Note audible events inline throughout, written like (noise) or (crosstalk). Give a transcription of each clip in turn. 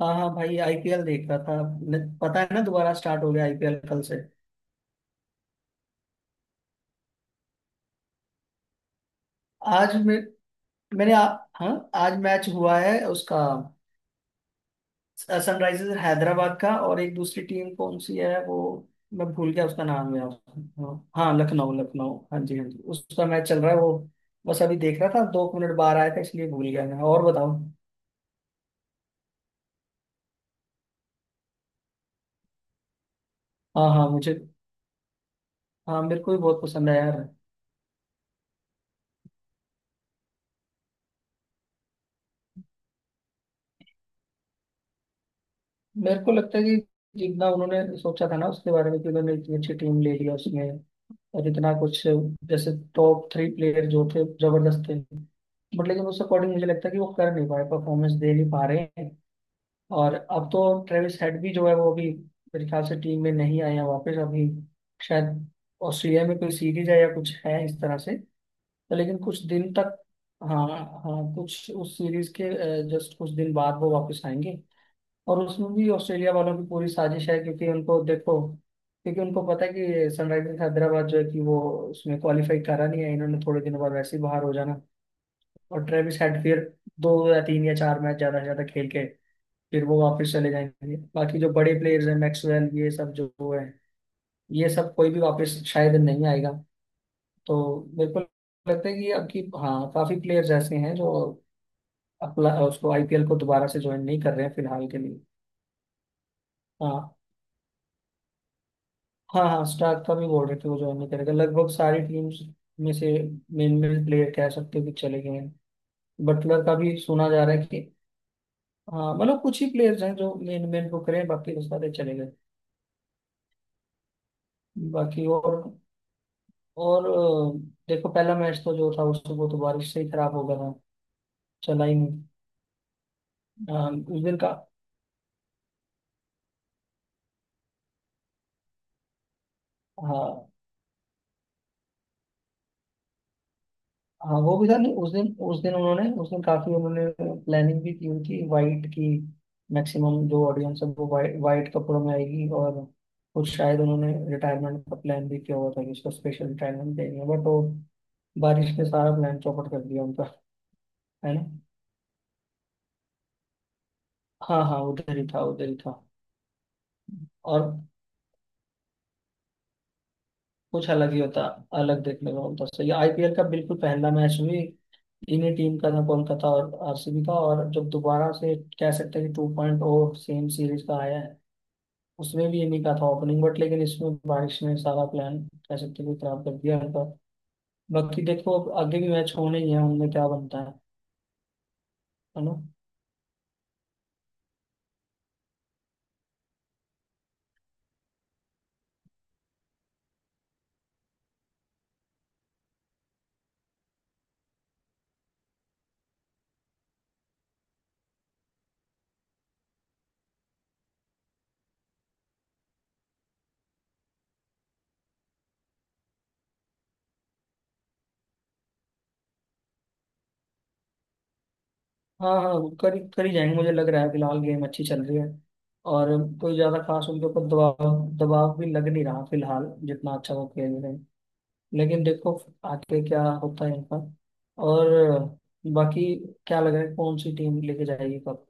हाँ हाँ, भाई आईपीएल देख रहा था। पता है ना, दोबारा स्टार्ट हो गया आईपीएल कल से। आज मैं मैंने आ, हाँ, आज मैच हुआ है उसका। सनराइजर्स हैदराबाद का और एक दूसरी टीम कौन सी है वो। मैं भूल गया उसका नाम यार। हाँ हाँ, लखनऊ लखनऊ, हाँ जी हाँ जी, उसका मैच चल रहा है वो। बस अभी देख रहा था, 2 मिनट बाहर आया था इसलिए भूल गया मैं। और बताओ। हाँ हाँ, मुझे हाँ, मेरे को भी बहुत पसंद है यार। मेरे को लगता है कि, जितना उन्होंने सोचा था ना उसके बारे में, कि उन्होंने इतनी अच्छी टीम ले लिया उसमें। और इतना कुछ, जैसे टॉप 3 प्लेयर जो थे, जबरदस्त थे। बट लेकिन उस अकॉर्डिंग मुझे लगता है कि वो कर नहीं पाए, परफॉर्मेंस दे नहीं पा रहे हैं। और अब तो ट्रेविस हेड भी जो है, वो अभी मेरे ख्याल से टीम में नहीं आए हैं वापस। अभी शायद ऑस्ट्रेलिया में कोई सीरीज है या कुछ है इस तरह से। तो लेकिन कुछ दिन तक। हाँ। हाँ, कुछ उस सीरीज के जस्ट कुछ दिन बाद वो वापस आएंगे। और उसमें भी ऑस्ट्रेलिया वालों की पूरी साजिश है, क्योंकि उनको देखो, क्योंकि उनको पता है कि सनराइजर्स हैदराबाद जो है कि वो उसमें क्वालिफाई करा नहीं है। इन्होंने थोड़े दिनों बाद वैसे ही बाहर हो जाना। और ट्रेविस हेड फिर 2 या 3 या 4 मैच ज्यादा से ज्यादा खेल के, फिर वो वापस चले जाएंगे। बाकी जो बड़े प्लेयर्स हैं, मैक्सवेल, ये सब जो वो है, ये सब कोई भी वापस शायद नहीं आएगा। तो मेरे को लगता है कि अब की, हाँ, काफी प्लेयर्स ऐसे हैं जो अपना उसको आईपीएल को दोबारा से ज्वाइन नहीं कर रहे हैं फिलहाल के लिए। हाँ। हाँ हाँ, स्टार्क का भी बोल रहे थे वो ज्वाइन नहीं करेगा। लगभग सारी टीम्स में से मेन मेन प्लेयर कह सकते हो कि चले गए हैं। बटलर का भी सुना जा रहा है कि। हाँ, मतलब कुछ ही प्लेयर्स हैं जो मेन मेन को करें, बाकी तो सारे चले गए। बाकी, और अ, देखो, पहला मैच तो जो था उससे वो तो बारिश से ही खराब हो गया था, चला ही नहीं। अ, उस दिन का। हाँ हाँ, वो भी था नहीं उस दिन। उस दिन उन्होंने, उस दिन काफी उन्होंने प्लानिंग भी की उनकी वाइट की। मैक्सिमम जो ऑडियंस है वो वाइट वाइट कपड़ों में आएगी, और कुछ शायद उन्होंने रिटायरमेंट का प्लान भी किया हुआ था कि इसको स्पेशल रिटायरमेंट देंगे, बट वो बारिश ने सारा प्लान चौपट कर दिया उनका। है ना। हाँ हाँ, उधर ही था उधर ही था। और कुछ अलग ही होता। अलग देखने को होता सही, आईपीएल का बिल्कुल पहला मैच भी। तीनों टीम का था, कोलकाता और आरसीबी का, और जब दोबारा से कह सकते हैं कि टू पॉइंट सेम सीरीज का आया है, उसमें भी इन्हीं का था ओपनिंग, बट लेकिन इसमें बारिश ने सारा प्लान, कह सकते हैं कि, खराब कर दिया इनका। बाकी देखो, अब आगे भी मैच होने ही है, उनमें क्या बनता है ना। हाँ हाँ, कर कर ही जाएंगे मुझे लग रहा है। फिलहाल गेम अच्छी चल रही है। और कोई ज्यादा खास उनके ऊपर दबाव दबाव भी लग नहीं रहा फिलहाल, जितना अच्छा वो खेल रहे हैं। लेकिन देखो आगे क्या होता है इनका। और बाकी क्या लग रहा है, कौन सी टीम लेके जाएगी कप।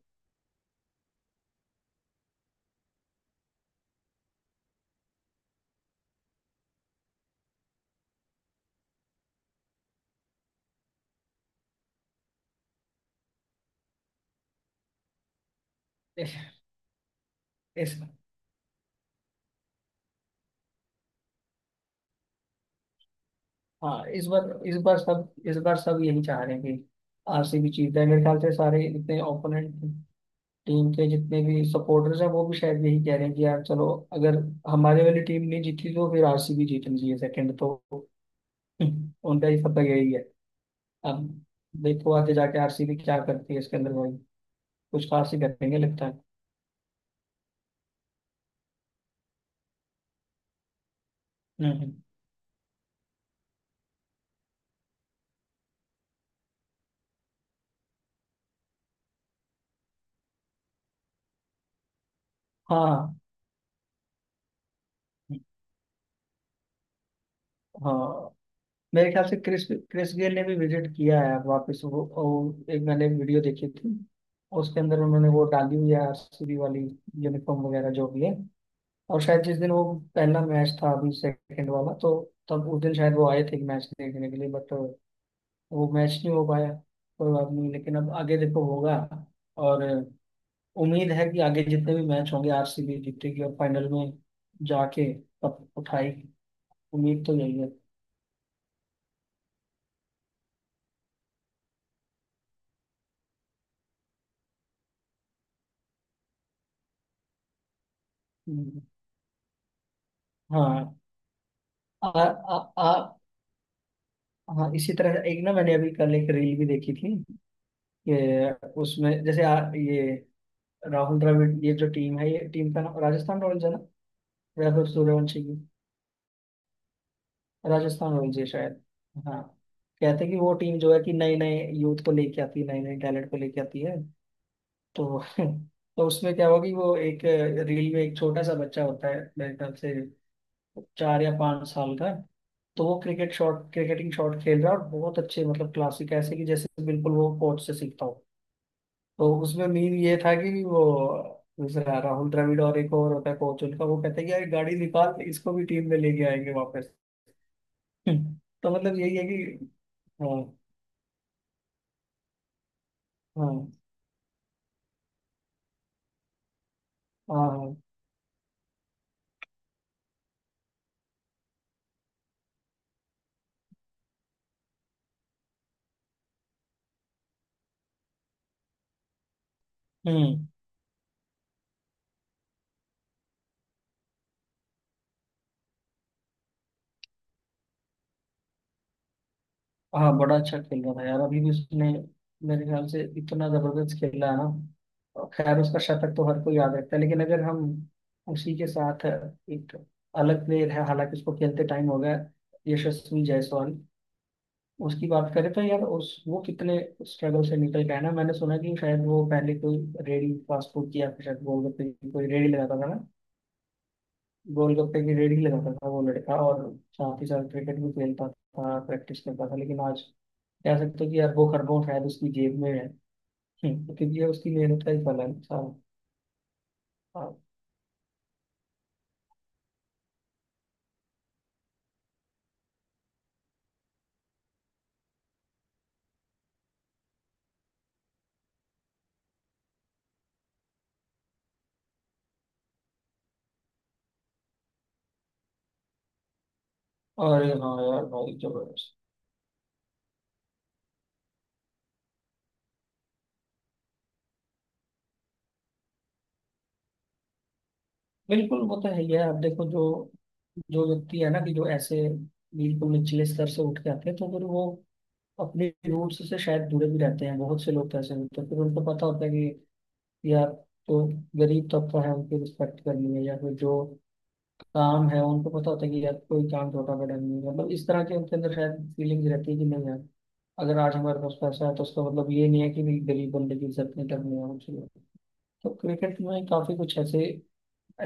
इस, इस हाँ, इस बार सब यही चाह रहे हैं कि आरसीबी जीत जाए। मेरे ख्याल से सारे इतने ओपोनेंट टीम के जितने भी सपोर्टर्स हैं, वो भी शायद यही कह रहे हैं कि यार चलो, अगर हमारे वाली टीम नहीं जीती तो फिर आरसीबी जीतनी चाहिए। सेकंड तो (laughs) उनका ही फतह यही है। अब देखो आगे जाके आरसीबी क्या करती है इसके अंदर भाई। कुछ खास ही करेंगे लगता है। हम्म। हाँ हाँ, मेरे ख्याल से क्रिस क्रिस गेल ने भी विजिट किया है वापस। वो एक, मैंने वीडियो देखी थी। उसके अंदर उन्होंने वो डाली हुई है आरसीबी वाली यूनिफॉर्म वगैरह जो भी है। और शायद जिस दिन वो पहला मैच था, अभी सेकंड वाला, तो तब उस दिन शायद वो आए थे मैच देखने के लिए, बट वो मैच नहीं हो पाया। कोई बात नहीं, लेकिन अब आगे देखो होगा। और उम्मीद है कि आगे जितने भी मैच होंगे आरसीबी जीतेगी और फाइनल में जाके कप उठाएगी। उम्मीद तो यही है। हाँ। आ, आ, आ, हाँ, इसी तरह एक ना मैंने अभी कल एक रील भी देखी थी। कि उसमें जैसे ये राहुल द्रविड़, ये जो टीम है, ये टीम का नाम राजस्थान रॉयल्स है ना। या फिर सूर्यवंशी की, राजस्थान रॉयल्स है शायद। हाँ। कहते हैं कि वो टीम जो है कि नए नए यूथ को लेके आती है, नए नए टैलेंट को लेके आती है। तो (laughs) तो उसमें क्या होगी, वो एक रील में एक छोटा सा बच्चा होता है, मेरे ख्याल से 4 या 5 साल का है। तो वो क्रिकेटिंग शॉट खेल रहा है, और बहुत अच्छे, मतलब क्लासिक, ऐसे कि जैसे बिल्कुल वो कोच से सीखता हो। तो उसमें मीम ये था कि वो दूसरा राहुल द्रविड़, और एक और होता है कोच उनका, वो कहते हैं कि यार गाड़ी निकाल, इसको भी टीम में लेके आएंगे वापस। (laughs) तो मतलब यही है कि। हाँ हाँ हाँ हाँ, हम्म। हाँ, बड़ा अच्छा खेल रहा था यार, अभी भी उसने मेरे ख्याल से इतना जबरदस्त खेला है ना। और खैर उसका शतक तो हर कोई याद रखता है, लेकिन अगर हम उसी के साथ, एक अलग प्लेयर है हालांकि उसको खेलते टाइम हो गया, यशस्वी जायसवाल, उसकी बात करें तो यार, उस वो कितने स्ट्रगल से निकल गया ना। मैंने सुना कि शायद वो पहले कोई रेडी, फास्ट फूड की या फिर शायद गोलगप्पे की कोई रेडी लगाता था ना। गोलगप्पे की रेडी लगाता था वो लड़का, और साथ ही साथ क्रिकेट भी खेलता था, प्रैक्टिस करता था। लेकिन आज कह सकते हो कि यार वो खरगोश शायद उसकी जेब में है। क्योंकि ये उसकी मेहनत का ही फल है। हाँ। हाँ। अरे हाँ यार भाई, जबरदस्त। बिल्कुल वो तो है ही है। आप देखो, जो जो व्यक्ति है ना कि जो ऐसे बिल्कुल निचले स्तर से उठ के आते हैं, तो फिर वो अपने रूट्स से शायद जुड़े भी रहते हैं। बहुत से लोग तो ऐसे होते हैं, फिर उनको पता होता है कि यार, तो गरीब तबका है, उनकी रिस्पेक्ट करनी है। या फिर जो काम है, उनको पता होता है कि यार, कोई काम छोटा बड़ा नहीं है, मतलब इस तरह की उनके अंदर शायद फीलिंग्स रहती है कि, नहीं यार, अगर आज हमारे पास पैसा है तो उसका मतलब ये नहीं है कि भी गरीब बंदे की इज्जत नहीं करनी है मुझे। तो क्रिकेट में काफी कुछ ऐसे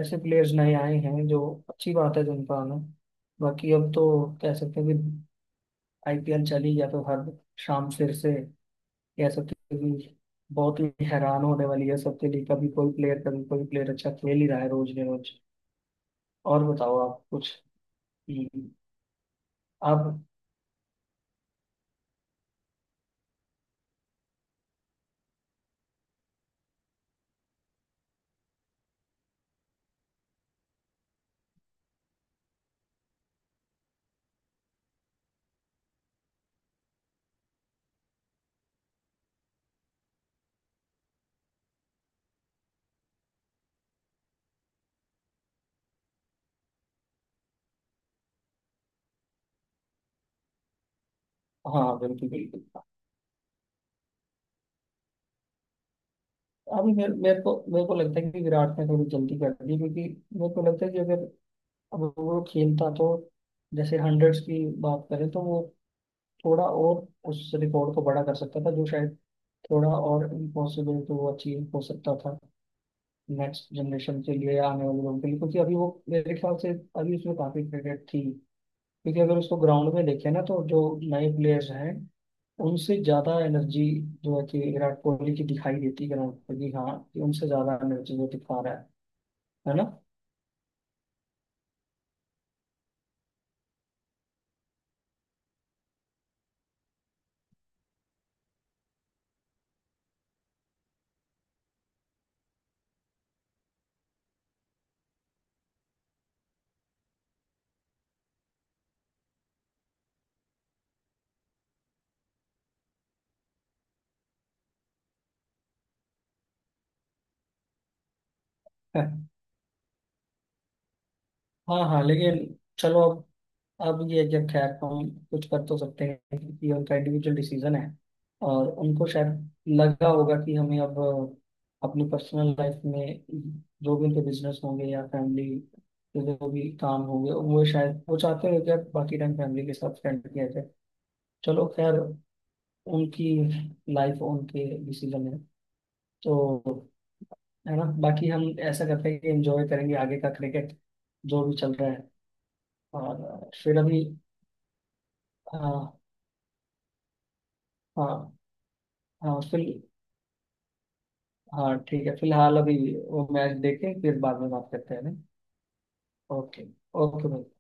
ऐसे प्लेयर्स नए आए हैं जो, अच्छी बात है जिनका आना। बाकी अब तो कह सकते हैं कि आईपीएल चल ही गया, तो हर शाम फिर से कह सकते हैं कि बहुत ही हैरान होने वाली है सबके लिए। कभी कोई प्लेयर कभी कोई प्लेयर अच्छा खेल ही रहा है रोज ने रोज। और बताओ आप कुछ। हम्म। आप। हाँ बिल्कुल बिल्कुल। अभी मेरे मेरे को लगता है कि विराट ने थोड़ी जल्दी कर दी, क्योंकि मेरे को लगता है कि अगर अब वो खेलता तो, जैसे हंड्रेड्स की बात करें, तो वो थोड़ा और उस रिकॉर्ड को बड़ा कर सकता था, जो शायद थोड़ा और इम्पॉसिबल तो वो अचीव हो सकता था नेक्स्ट जनरेशन के लिए या आने वाले लोगों के लिए। क्योंकि अभी वो मेरे ख्याल से, अभी उसमें काफी क्रिकेट थी। क्योंकि अगर उसको ग्राउंड में देखें ना, तो जो नए प्लेयर्स हैं उनसे ज्यादा एनर्जी जो है कि विराट कोहली की दिखाई देती है ग्राउंड पर, कि हाँ कि उनसे ज्यादा एनर्जी वो दिखा रहा है ना। है। हाँ हाँ, लेकिन चलो, अब ये है कि, खैर हम कुछ कर तो सकते हैं, कि ये उनका इंडिविजुअल डिसीजन है। और उनको शायद लगा होगा कि हमें अब अपनी पर्सनल लाइफ में, जो भी उनके बिजनेस होंगे या फैमिली के जो भी काम होंगे, वो शायद वो चाहते हो कि अब बाकी टाइम फैमिली के साथ स्पेंड किया जाए। चलो खैर, उनकी लाइफ उनके डिसीजन है, तो है ना, बाकी हम ऐसा करते हैं कि एंजॉय करेंगे आगे का क्रिकेट, जो भी चल रहा है। और फिर अभी। हाँ हाँ हाँ, फिल हाँ ठीक है, फिलहाल अभी वो मैच देखें, फिर बाद में बात करते हैं ना। ओके। ओके भाई।